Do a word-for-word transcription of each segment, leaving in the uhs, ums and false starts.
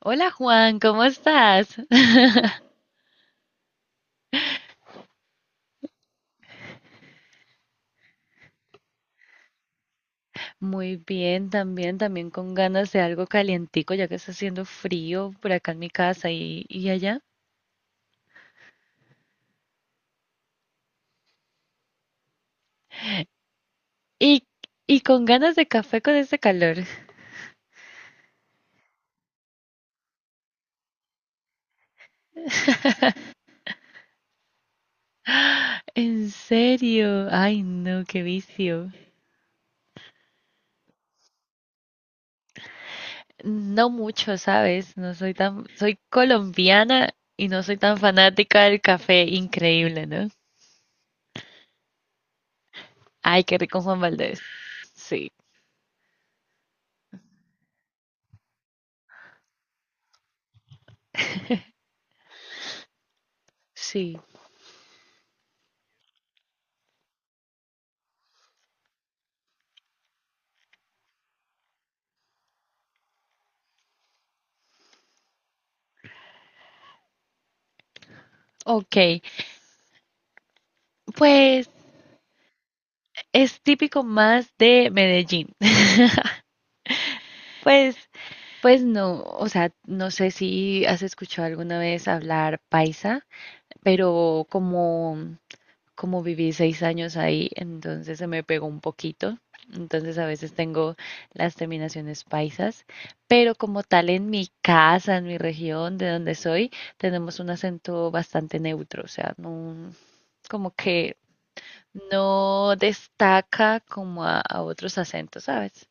Hola Juan, ¿cómo estás? Muy bien, también, también con ganas de algo calientico, ya que está haciendo frío por acá en mi casa y, y allá. Y, y con ganas de café con este calor. En serio, ay no, qué vicio. No mucho, ¿sabes? No soy tan, soy colombiana y no soy tan fanática del café, increíble, ¿no? Ay, qué rico Juan Valdés. Sí, sí. Ok, pues es típico más de Medellín. Pues, pues no, o sea, no sé si has escuchado alguna vez hablar paisa, pero como, como viví seis años ahí, entonces se me pegó un poquito. Entonces a veces tengo las terminaciones paisas, pero como tal en mi casa, en mi región, de donde soy, tenemos un acento bastante neutro, o sea, no, como que no destaca como a, a otros acentos, ¿sabes?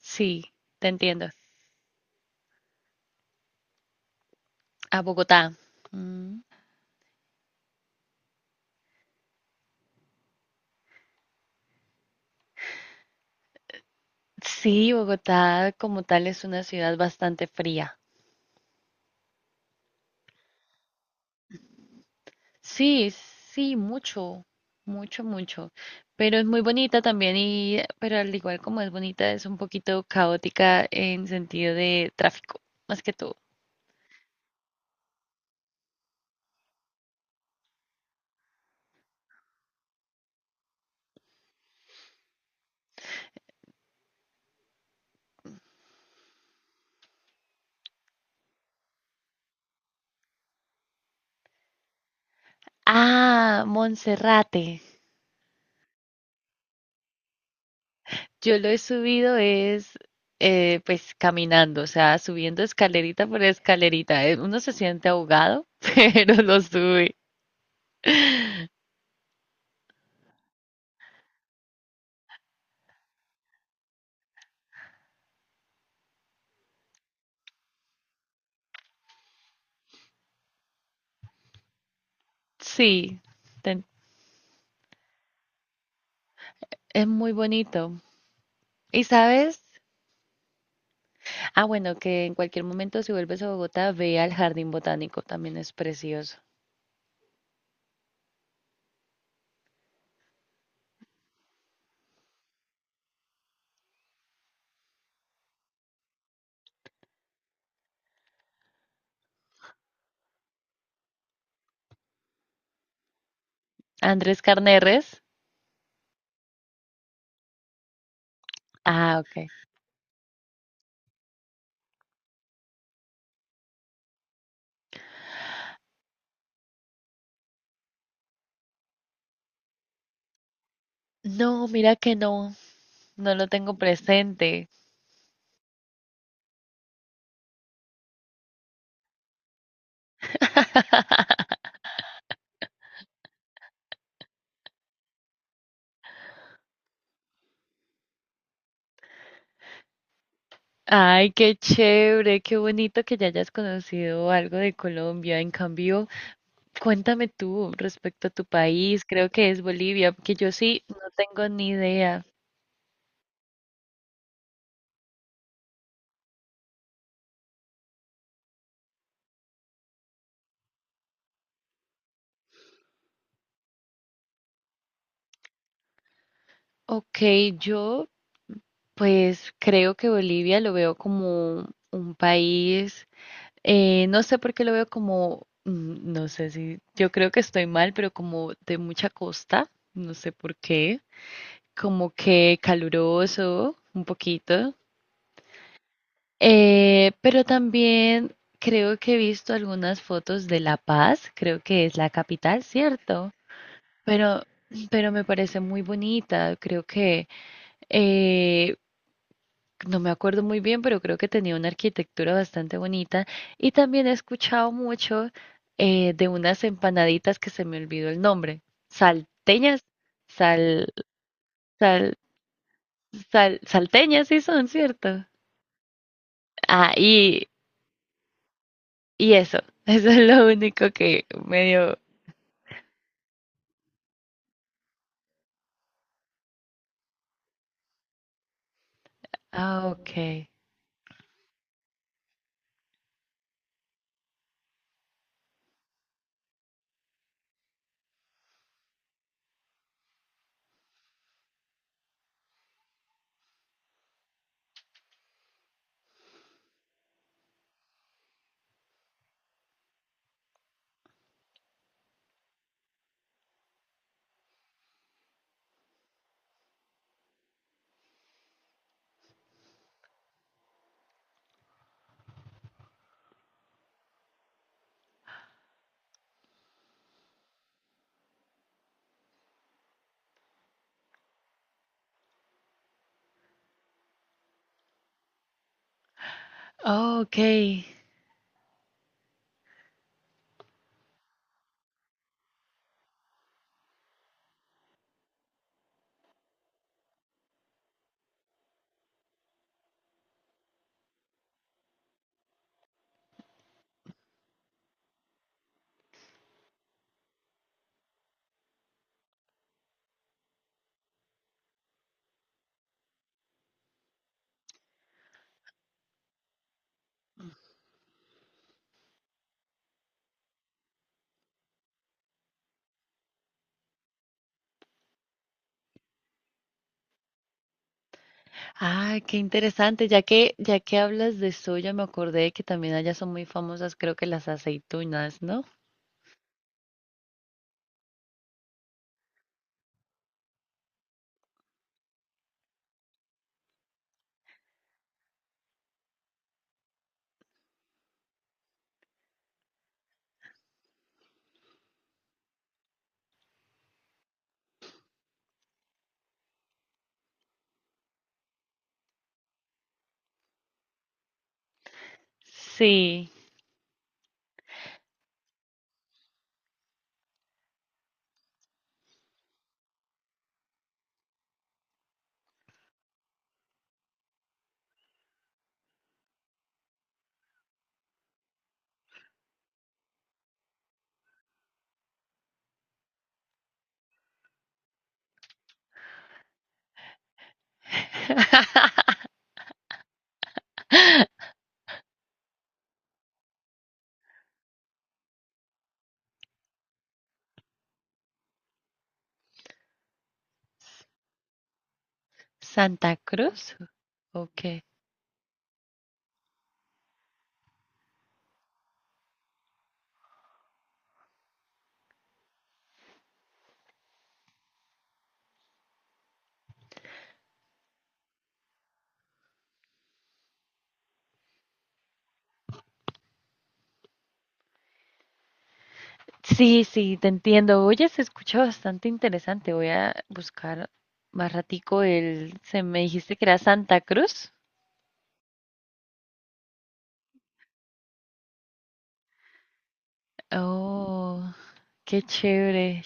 Sí, te entiendo. A Bogotá. Mm. Sí, Bogotá como tal es una ciudad bastante fría. Sí, sí, mucho, mucho, mucho. Pero es muy bonita también y, pero al igual como es bonita, es un poquito caótica en sentido de tráfico, más que todo. Ah, Monserrate. Yo lo he subido es, eh, Pues caminando, o sea, subiendo escalerita por escalerita. Eh, Uno se siente ahogado, pero lo sube. Sí, te Es muy bonito. Y sabes, ah, bueno, que en cualquier momento si vuelves a Bogotá, ve al Jardín Botánico, también es precioso. Andrés Carneres. Ah, ok. No, mira que no, no lo tengo presente. Ay, qué chévere, qué bonito que ya hayas conocido algo de Colombia. En cambio, cuéntame tú respecto a tu país, creo que es Bolivia, porque yo sí no tengo ni idea. Ok, yo pues creo que Bolivia lo veo como un país, eh, no sé por qué lo veo como, mm, no sé si, yo creo que estoy mal, pero como de mucha costa, no sé por qué, como que caluroso un poquito, eh, pero también creo que he visto algunas fotos de La Paz, creo que es la capital, ¿cierto? Pero, pero me parece muy bonita, creo que... eh, No me acuerdo muy bien, pero creo que tenía una arquitectura bastante bonita. Y también he escuchado mucho eh, de unas empanaditas que se me olvidó el nombre. Salteñas, sal, sal, sal, Salteñas sí son, ¿cierto? Ah, y, y eso, eso es lo único que medio... Ah, ok. Oh, ok. Ah, qué interesante. Ya que, ya que hablas de soya, me acordé que también allá son muy famosas, creo que las aceitunas, ¿no? Sí. Santa Cruz, ok. Sí, sí, te entiendo. Oye, se escucha bastante interesante. Voy a buscar más ratico el... Se me dijiste que era Santa Cruz. Oh, qué chévere.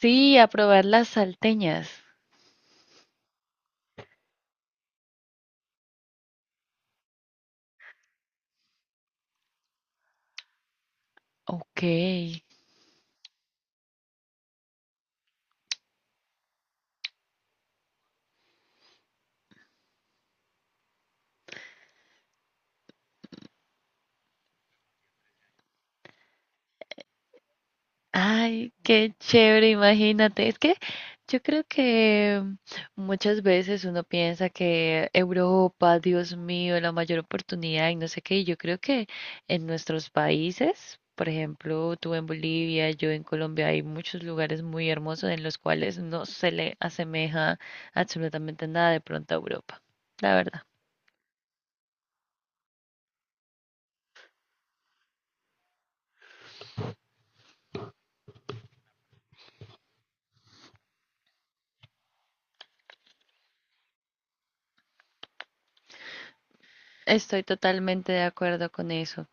Sí, a probar las salteñas. Ok. Ay, qué chévere, imagínate. Es que yo creo que muchas veces uno piensa que Europa, Dios mío, la mayor oportunidad y no sé qué. Y yo creo que en nuestros países, por ejemplo, tú en Bolivia, yo en Colombia, hay muchos lugares muy hermosos en los cuales no se le asemeja absolutamente nada de pronto a Europa. La verdad. Estoy totalmente de acuerdo con eso.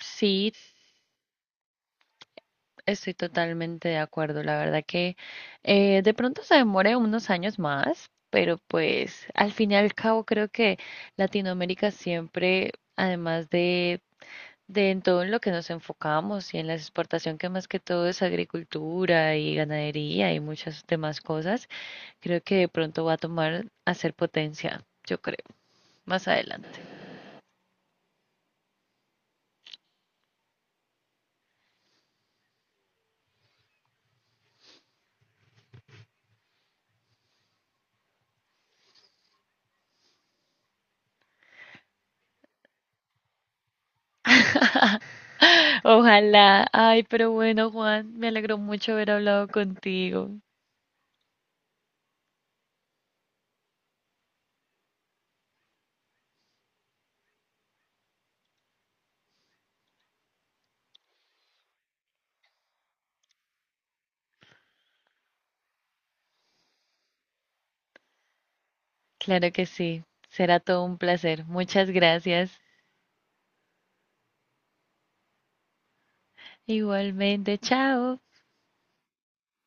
Sí, estoy totalmente de acuerdo, la verdad que eh, de pronto se demore unos años más, pero pues al fin y al cabo creo que Latinoamérica siempre, además de, de en todo en lo que nos enfocamos y en la exportación que más que todo es agricultura y ganadería y muchas demás cosas, creo que de pronto va a tomar a ser potencia, yo creo, más adelante. Ojalá, ay, pero bueno, Juan, me alegró mucho haber hablado contigo. Claro que sí, será todo un placer. Muchas gracias. Igualmente, chao.